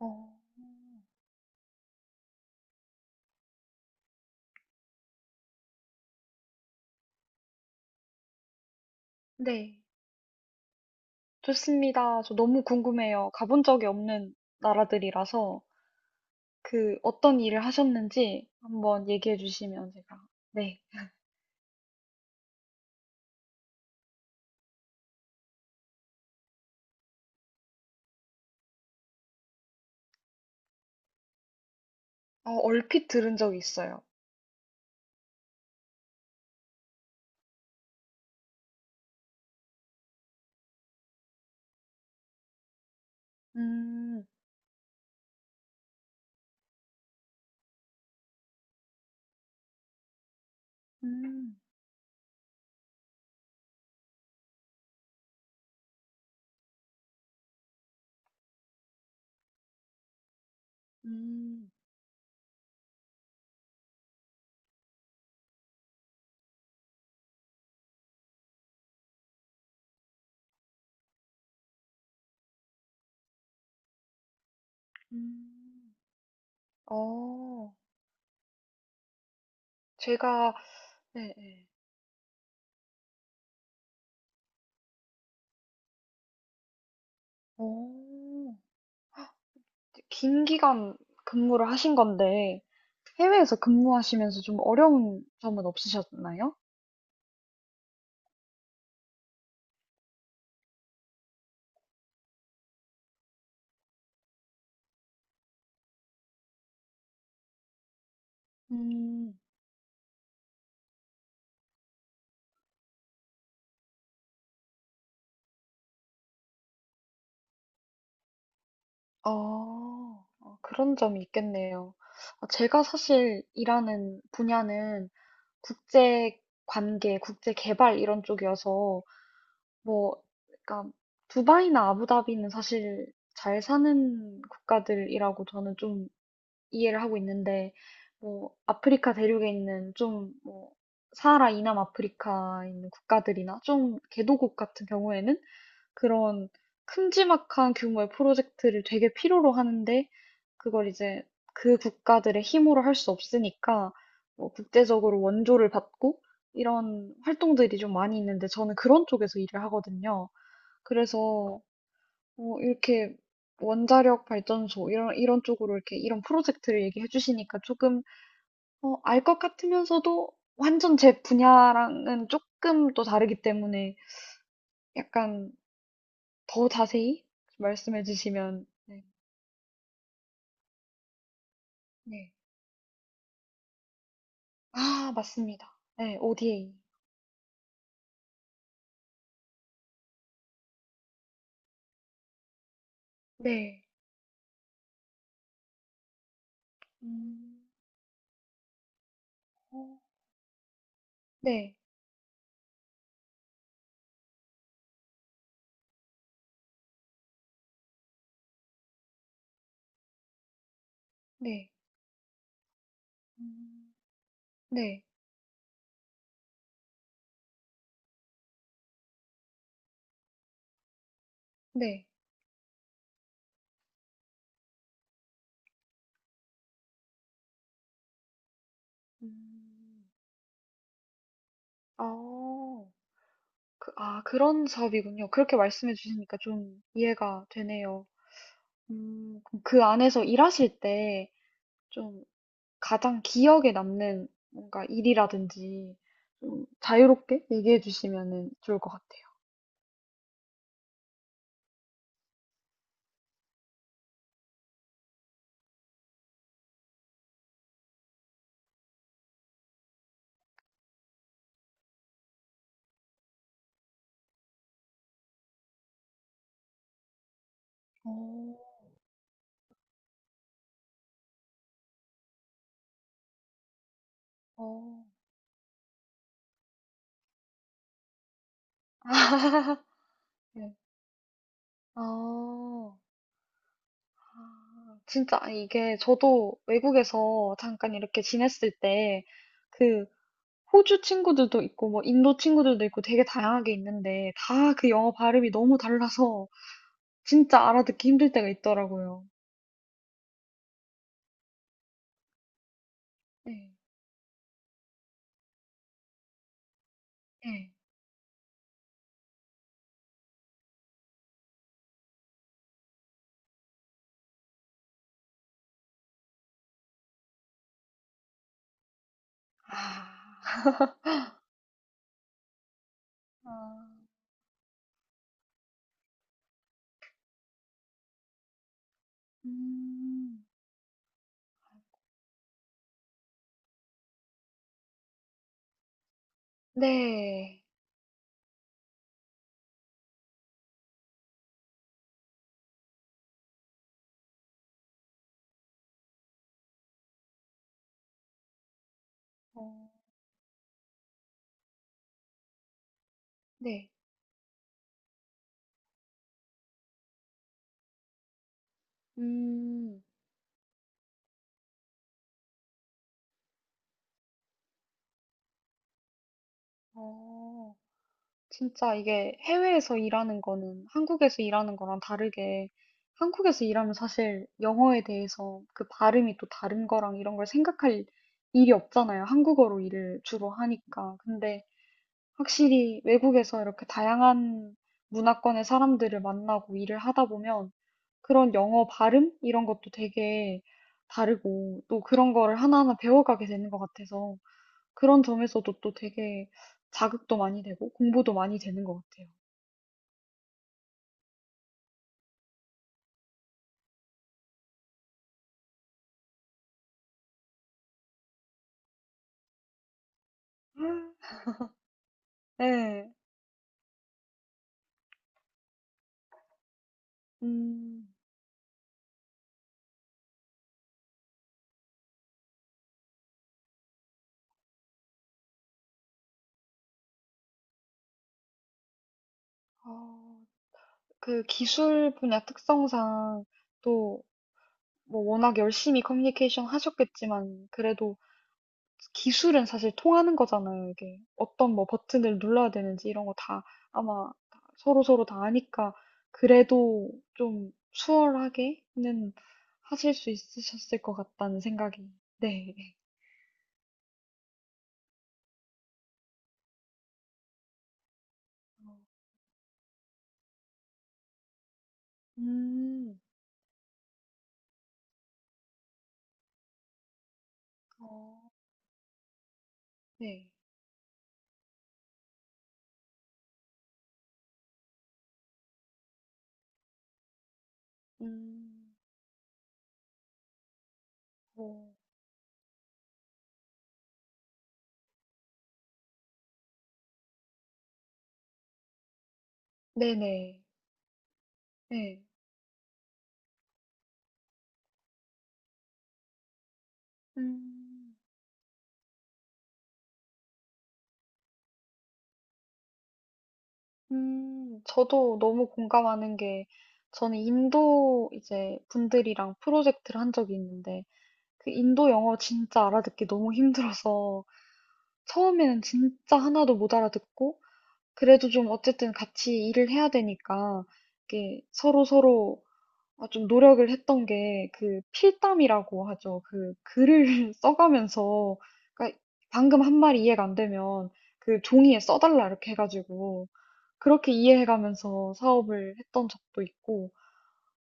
어, 네, 좋습니다. 저 너무 궁금해요. 가본 적이 없는 나라들이라서 그 어떤 일을 하셨는지 한번 얘기해 주시면 제가 네, 어, 얼핏 들은 적이 있어요. 음, 음, 음, 음, 어, 제가 네, 네. 어, 긴 기간 근무를 하신 건데 해외에서 근무하시면서 좀 어려운 점은 없으셨나요? 음, 어. 어, 그런 점이 있겠네요. 어, 제가 사실 일하는 분야는 국제 관계, 국제 개발 이런 쪽이어서 뭐 그러니까 두바이나 아부다비는 사실 잘 사는 국가들이라고 저는 좀 이해를 하고 있는데 뭐 아프리카 대륙에 있는 좀뭐 사하라 이남 아프리카에 있는 국가들이나 좀 개도국 같은 경우에는 그런 큼지막한 규모의 프로젝트를 되게 필요로 하는데 그걸 이제 그 국가들의 힘으로 할 수 없으니까 뭐 국제적으로 원조를 받고 이런 활동들이 좀 많이 있는데 저는 그런 쪽에서 일을 하거든요. 그래서 어, 이렇게 원자력 발전소 이런 쪽으로 이렇게 이런 프로젝트를 얘기해 주시니까 조금 어, 알것 같으면서도 완전 제 분야랑은 조금 또 다르기 때문에 약간 더 자세히 말씀해 주시면 네. 네. 아, 맞습니다. 네, ODA. 네. 음. 어. 네. 네. 음. 네. 네. 음. 아, 그 아 그런 사업이군요. 그렇게 말씀해 주시니까 좀 이해가 되네요. 음, 그럼 그 안에서 일하실 때 좀 가장 기억에 남는 뭔가 일이라든지 좀 자유롭게 얘기해 주시면은 좋을 것 같아요. 오, 오, 네. 어. 아, 진짜 아, 이게 저도 외국에서 잠깐 이렇게 지냈을 때 그 호주 친구들도 있고 뭐 인도 친구들도 있고 되게 다양하게 있는데 다 그 영어 발음이 너무 달라서 진짜 알아듣기 힘들 때가 있더라고요. 네, 네. 아, 아, 음, 네, 어, 네, 음, 어. 진짜 이게 해외에서 일하는 거는 한국에서 일하는 거랑 다르게 한국에서 일하면 사실 영어에 대해서 그 발음이 또 다른 거랑 이런 걸 생각할 일이 없잖아요. 한국어로 일을 주로 하니까. 근데 확실히 외국에서 이렇게 다양한 문화권의 사람들을 만나고 일을 하다 보면 그런 영어 발음 이런 것도 되게 다르고 또 그런 거를 하나하나 배워가게 되는 것 같아서 그런 점에서도 또 되게 자극도 많이 되고 공부도 많이 되는 것 같아요. 음, 네. 음. 어, 그 기술 분야 특성상 또 뭐 워낙 열심히 커뮤니케이션 하셨겠지만 그래도 기술은 사실 통하는 거잖아요. 이게 어떤 뭐 버튼을 눌러야 되는지 이런 거 다 아마 서로서로 다 아니까 그래도 좀 수월하게는 하실 수 있으셨을 것 같다는 생각이. 네. 어, 음. 어, 네. 음. 어, 네네. 네. 음, 저도 너무 공감하는 게, 저는 인도 이제 분들이랑 프로젝트를 한 적이 있는데, 그 인도 영어 진짜 알아듣기 너무 힘들어서, 처음에는 진짜 하나도 못 알아듣고, 그래도 좀 어쨌든 같이 일을 해야 되니까, 이게 서로 서로 아, 좀 노력을 했던 게, 그 필담이라고 하죠. 그 글을 써가면서, 그러니까 방금 한 말이 이해가 안 되면, 그 종이에 써달라 이렇게 해가지고, 그렇게 이해해 가면서 사업을 했던 적도 있고,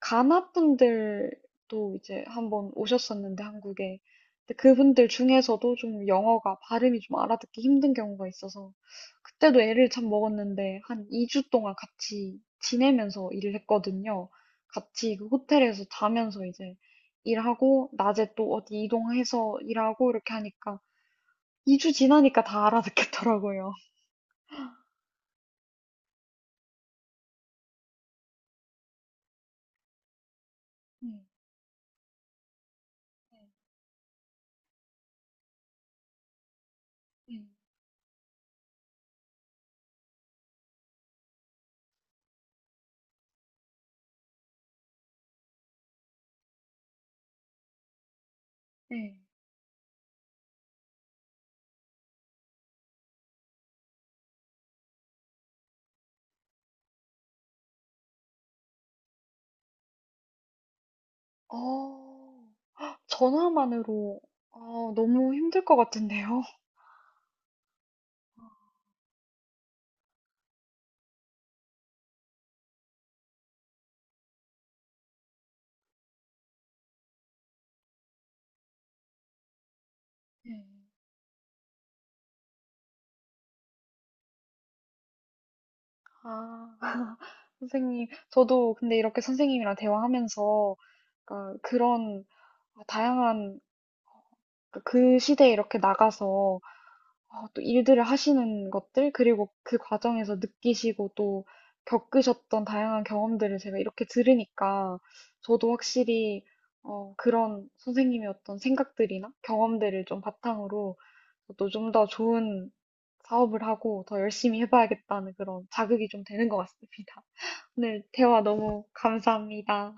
가나 분들도 이제 한번 오셨었는데, 한국에. 근데 그분들 중에서도 좀 영어가 발음이 좀 알아듣기 힘든 경우가 있어서, 그때도 애를 참 먹었는데, 한 2주 동안 같이 지내면서 일을 했거든요. 같이 그 호텔에서 자면서 이제 일하고, 낮에 또 어디 이동해서 일하고, 이렇게 하니까, 2주 지나니까 다 알아듣겠더라고요. 네, 네, 네. 네. 어. 전화만으로 아, 너무 힘들 것 같은데요. 네. 아, 선생님, 저도 근데 이렇게 선생님이랑 대화하면서 그러니까 그런 다양한 그그 시대에 이렇게 나가서 어, 또 일들을 하시는 것들, 그리고 그 과정에서 느끼시고 또 겪으셨던 다양한 경험들을 제가 이렇게 들으니까 저도 확실히 어, 그런 선생님의 어떤 생각들이나 경험들을 좀 바탕으로 또 좀 더 좋은 사업을 하고 더 열심히 해봐야겠다는 그런 자극이 좀 되는 것 같습니다. 오늘 대화 너무 감사합니다.